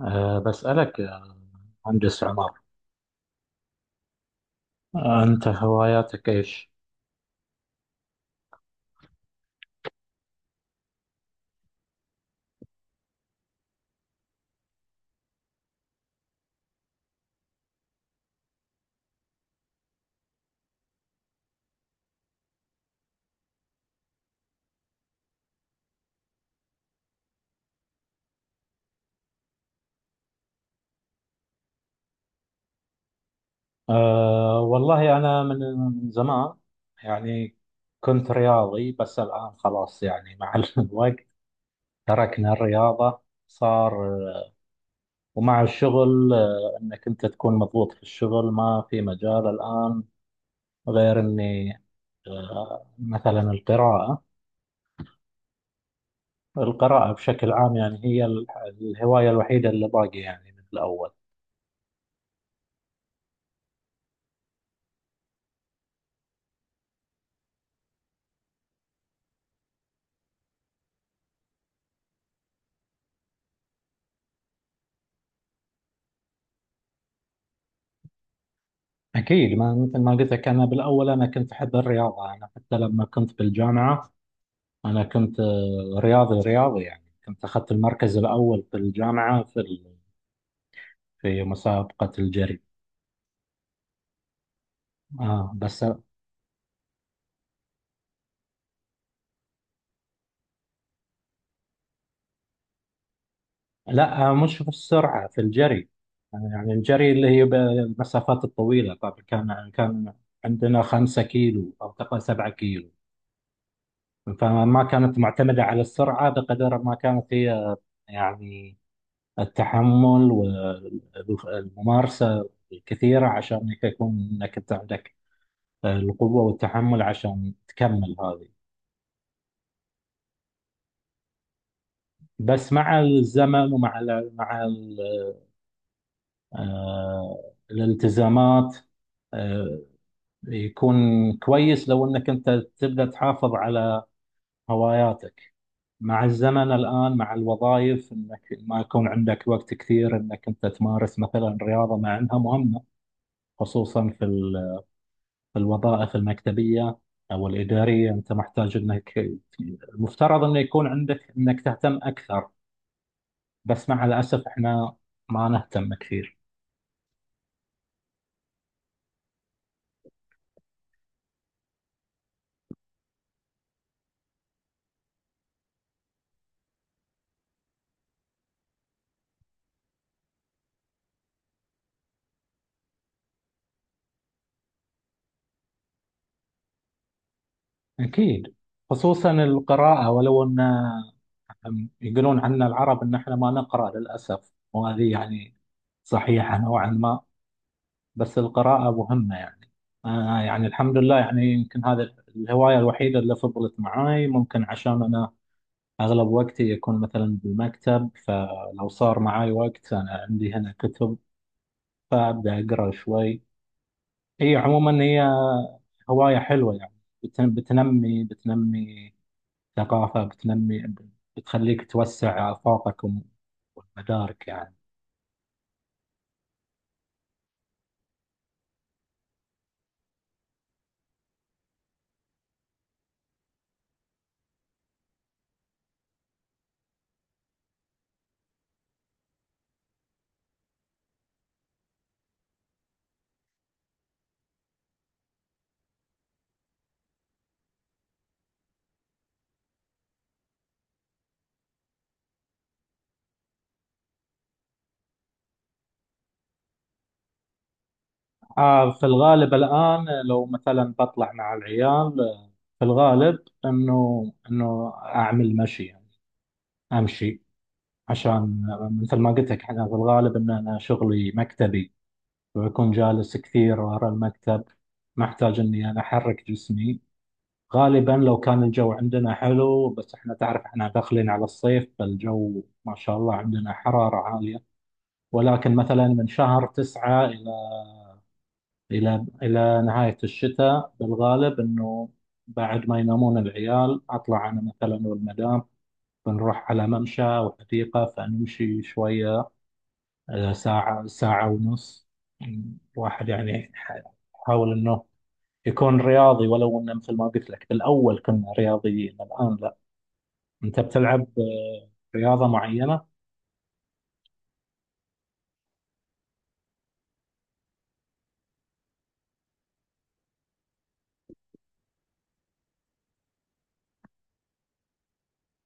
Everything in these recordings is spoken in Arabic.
بسألك يا مهندس عمر، أنت هواياتك إيش؟ والله أنا من زمان يعني كنت رياضي، بس الآن خلاص يعني مع الوقت تركنا الرياضة. صار أه، ومع الشغل إنك أنت تكون مضغوط في الشغل، ما في مجال الآن غير إني مثلا القراءة. القراءة بشكل عام يعني هي الهواية الوحيدة اللي باقي يعني من الأول. أكيد، ما مثل ما قلت لك، أنا بالأول أنا كنت أحب الرياضة. أنا حتى لما كنت بالجامعة أنا كنت رياضي رياضي، يعني كنت أخذت المركز الأول في الجامعة، في مسابقة الجري. بس لا، مش في السرعة، في الجري. يعني الجري اللي هي بالمسافات الطويلة، طبعا كان عندنا 5 كيلو أو تقريبا 7 كيلو. فما كانت معتمدة على السرعة بقدر ما كانت هي يعني التحمل والممارسة الكثيرة، عشان إنك يكون إنك أنت عندك القوة والتحمل عشان تكمل هذه. بس مع الزمن، ومع ال مع ال آه، الالتزامات، آه، يكون كويس لو إنك أنت تبدأ تحافظ على هواياتك مع الزمن. الآن مع الوظائف، إنك ما يكون عندك وقت كثير إنك أنت تمارس مثلا رياضة مع إنها مهمة، خصوصا في الوظائف المكتبية أو الإدارية. أنت محتاج أنك، المفترض أنه يكون عندك أنك تهتم أكثر. بس مع الأسف إحنا ما نهتم كثير. أكيد، خصوصا القراءة، ولو أن يقولون عنا العرب أن إحنا ما نقرأ للأسف، وهذه يعني صحيحة نوعا ما. بس القراءة مهمة يعني. أنا يعني الحمد لله، يعني يمكن هذا الهواية الوحيدة اللي فضلت معاي، ممكن عشان أنا أغلب وقتي يكون مثلا بالمكتب، فلو صار معاي وقت أنا عندي هنا كتب فأبدأ أقرأ شوي. هي عموما هي هواية حلوة يعني، بتنمي ثقافة، بتنمي، بتخليك توسع آفاقك والمدارك يعني. في الغالب الآن لو مثلا بطلع مع العيال، في الغالب إنه أعمل مشي يعني، أمشي عشان، مثل ما قلت لك، أنا في الغالب إن أنا شغلي مكتبي، بكون جالس كثير ورا المكتب، محتاج اني احرك جسمي. غالبا لو كان الجو عندنا حلو، بس احنا تعرف احنا داخلين على الصيف فالجو ما شاء الله عندنا حرارة عالية، ولكن مثلا من شهر 9 إلى نهاية الشتاء، بالغالب إنه بعد ما ينامون العيال أطلع أنا مثلا والمدام، بنروح على ممشى أو حديقة فنمشي شوية، ساعة ساعة ونص. الواحد يعني يحاول إنه يكون رياضي، ولو انه مثل ما قلت لك بالاول كنا رياضيين الان لا. انت بتلعب رياضه معينه؟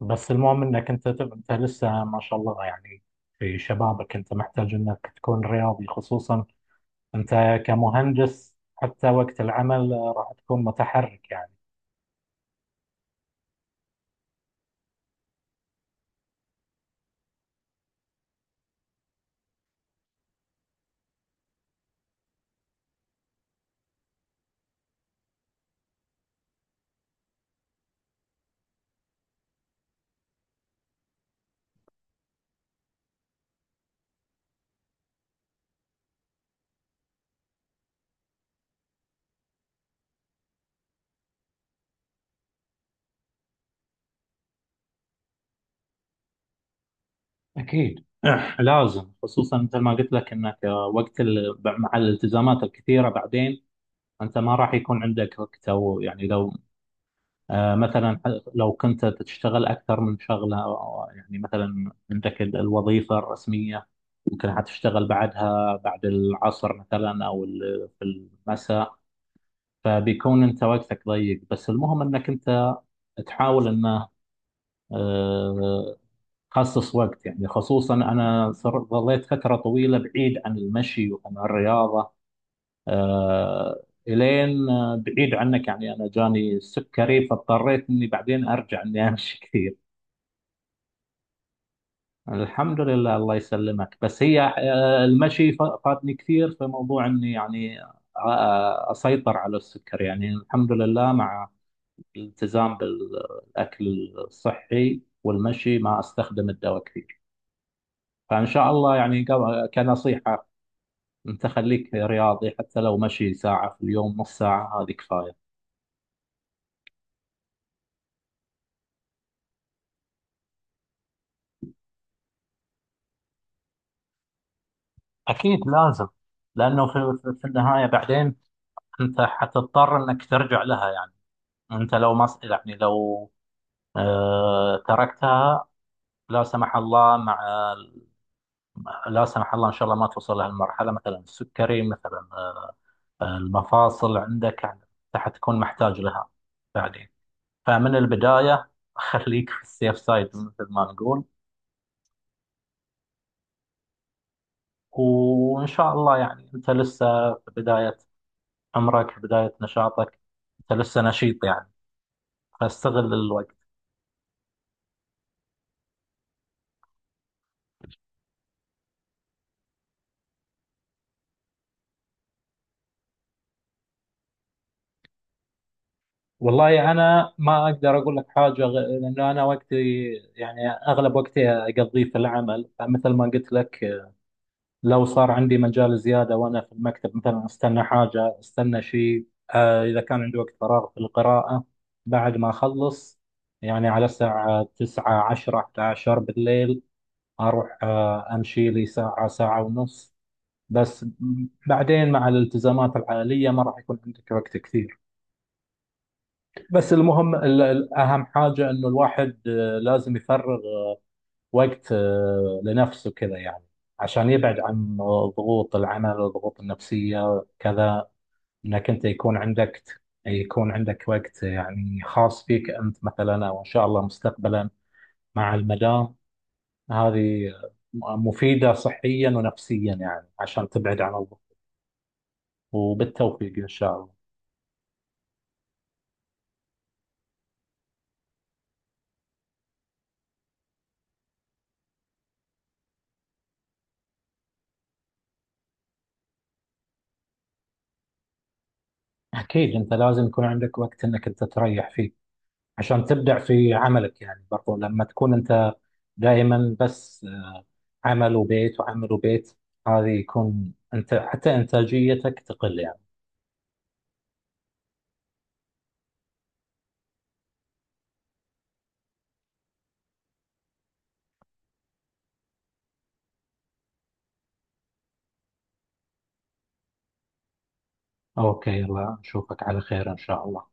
بس المهم انك انت لسه ما شاء الله يعني في شبابك، انت محتاج انك تكون رياضي، خصوصا انت كمهندس حتى وقت العمل راح تكون متحرك يعني. اكيد لازم، خصوصا مثل ما قلت لك انك مع الالتزامات الكثيره بعدين، انت ما راح يكون عندك وقت. او يعني لو مثلا لو كنت تشتغل أكثر من شغلة يعني مثلا عندك الوظيفة الرسمية، ممكن حتشتغل بعدها بعد العصر مثلا، أو في المساء. فبيكون أنت وقتك ضيق. بس المهم أنك أنت تحاول أنه آه، تخصص وقت يعني، خصوصا أنا ظليت فترة طويلة بعيد عن المشي وعن الرياضة، آه، إلين بعيد عنك يعني أنا جاني السكري، فاضطريت إني بعدين أرجع إني أمشي كثير. الحمد لله، الله يسلمك. بس هي المشي فاتني كثير في موضوع اني يعني اسيطر على السكر. يعني الحمد لله مع الالتزام بالاكل الصحي والمشي ما استخدم الدواء كثير. فان شاء الله يعني، كنصيحة، انت خليك رياضي حتى لو مشي ساعة في اليوم، نص ساعة هذه كفاية. أكيد لازم، لأنه في النهاية بعدين أنت حتضطر أنك ترجع لها يعني. أنت لو ما يعني، لو تركتها، لا سمح الله، لا سمح الله ان شاء الله ما توصل لهالمرحله، مثلا السكري مثلا، المفاصل عندك يعني، راح تكون محتاج لها بعدين. فمن البدايه خليك في السيف سايد مثل ما نقول. وان شاء الله يعني انت لسه في بدايه عمرك، في بدايه نشاطك، انت لسه نشيط يعني، فاستغل الوقت. والله انا ما اقدر اقول لك حاجه لانه انا وقتي، يعني اغلب وقتي اقضيه في العمل، فمثل ما قلت لك لو صار عندي مجال زياده وانا في المكتب مثلا، استنى حاجه استنى شيء، اذا كان عندي وقت فراغ في القراءه بعد ما اخلص. يعني على الساعه 9 10 11 بالليل اروح امشي لي ساعه ساعه ونص. بس بعدين مع الالتزامات العائليه ما راح يكون عندك وقت كثير. بس المهم اهم حاجه انه الواحد لازم يفرغ وقت لنفسه كذا يعني، عشان يبعد عن ضغوط العمل، الضغوط النفسيه كذا، انك انت يكون عندك وقت يعني خاص فيك انت مثلا، او ان شاء الله مستقبلا مع المدام. هذه مفيده صحيا ونفسيا يعني، عشان تبعد عن الضغط. وبالتوفيق ان شاء الله. اكيد انت لازم يكون عندك وقت انك انت تريح فيه عشان تبدع في عملك يعني، برضو لما تكون انت دائما بس عمل وبيت وعمل وبيت، هذه يكون انت حتى انتاجيتك تقل يعني. اوكي، الله نشوفك على خير ان شاء الله.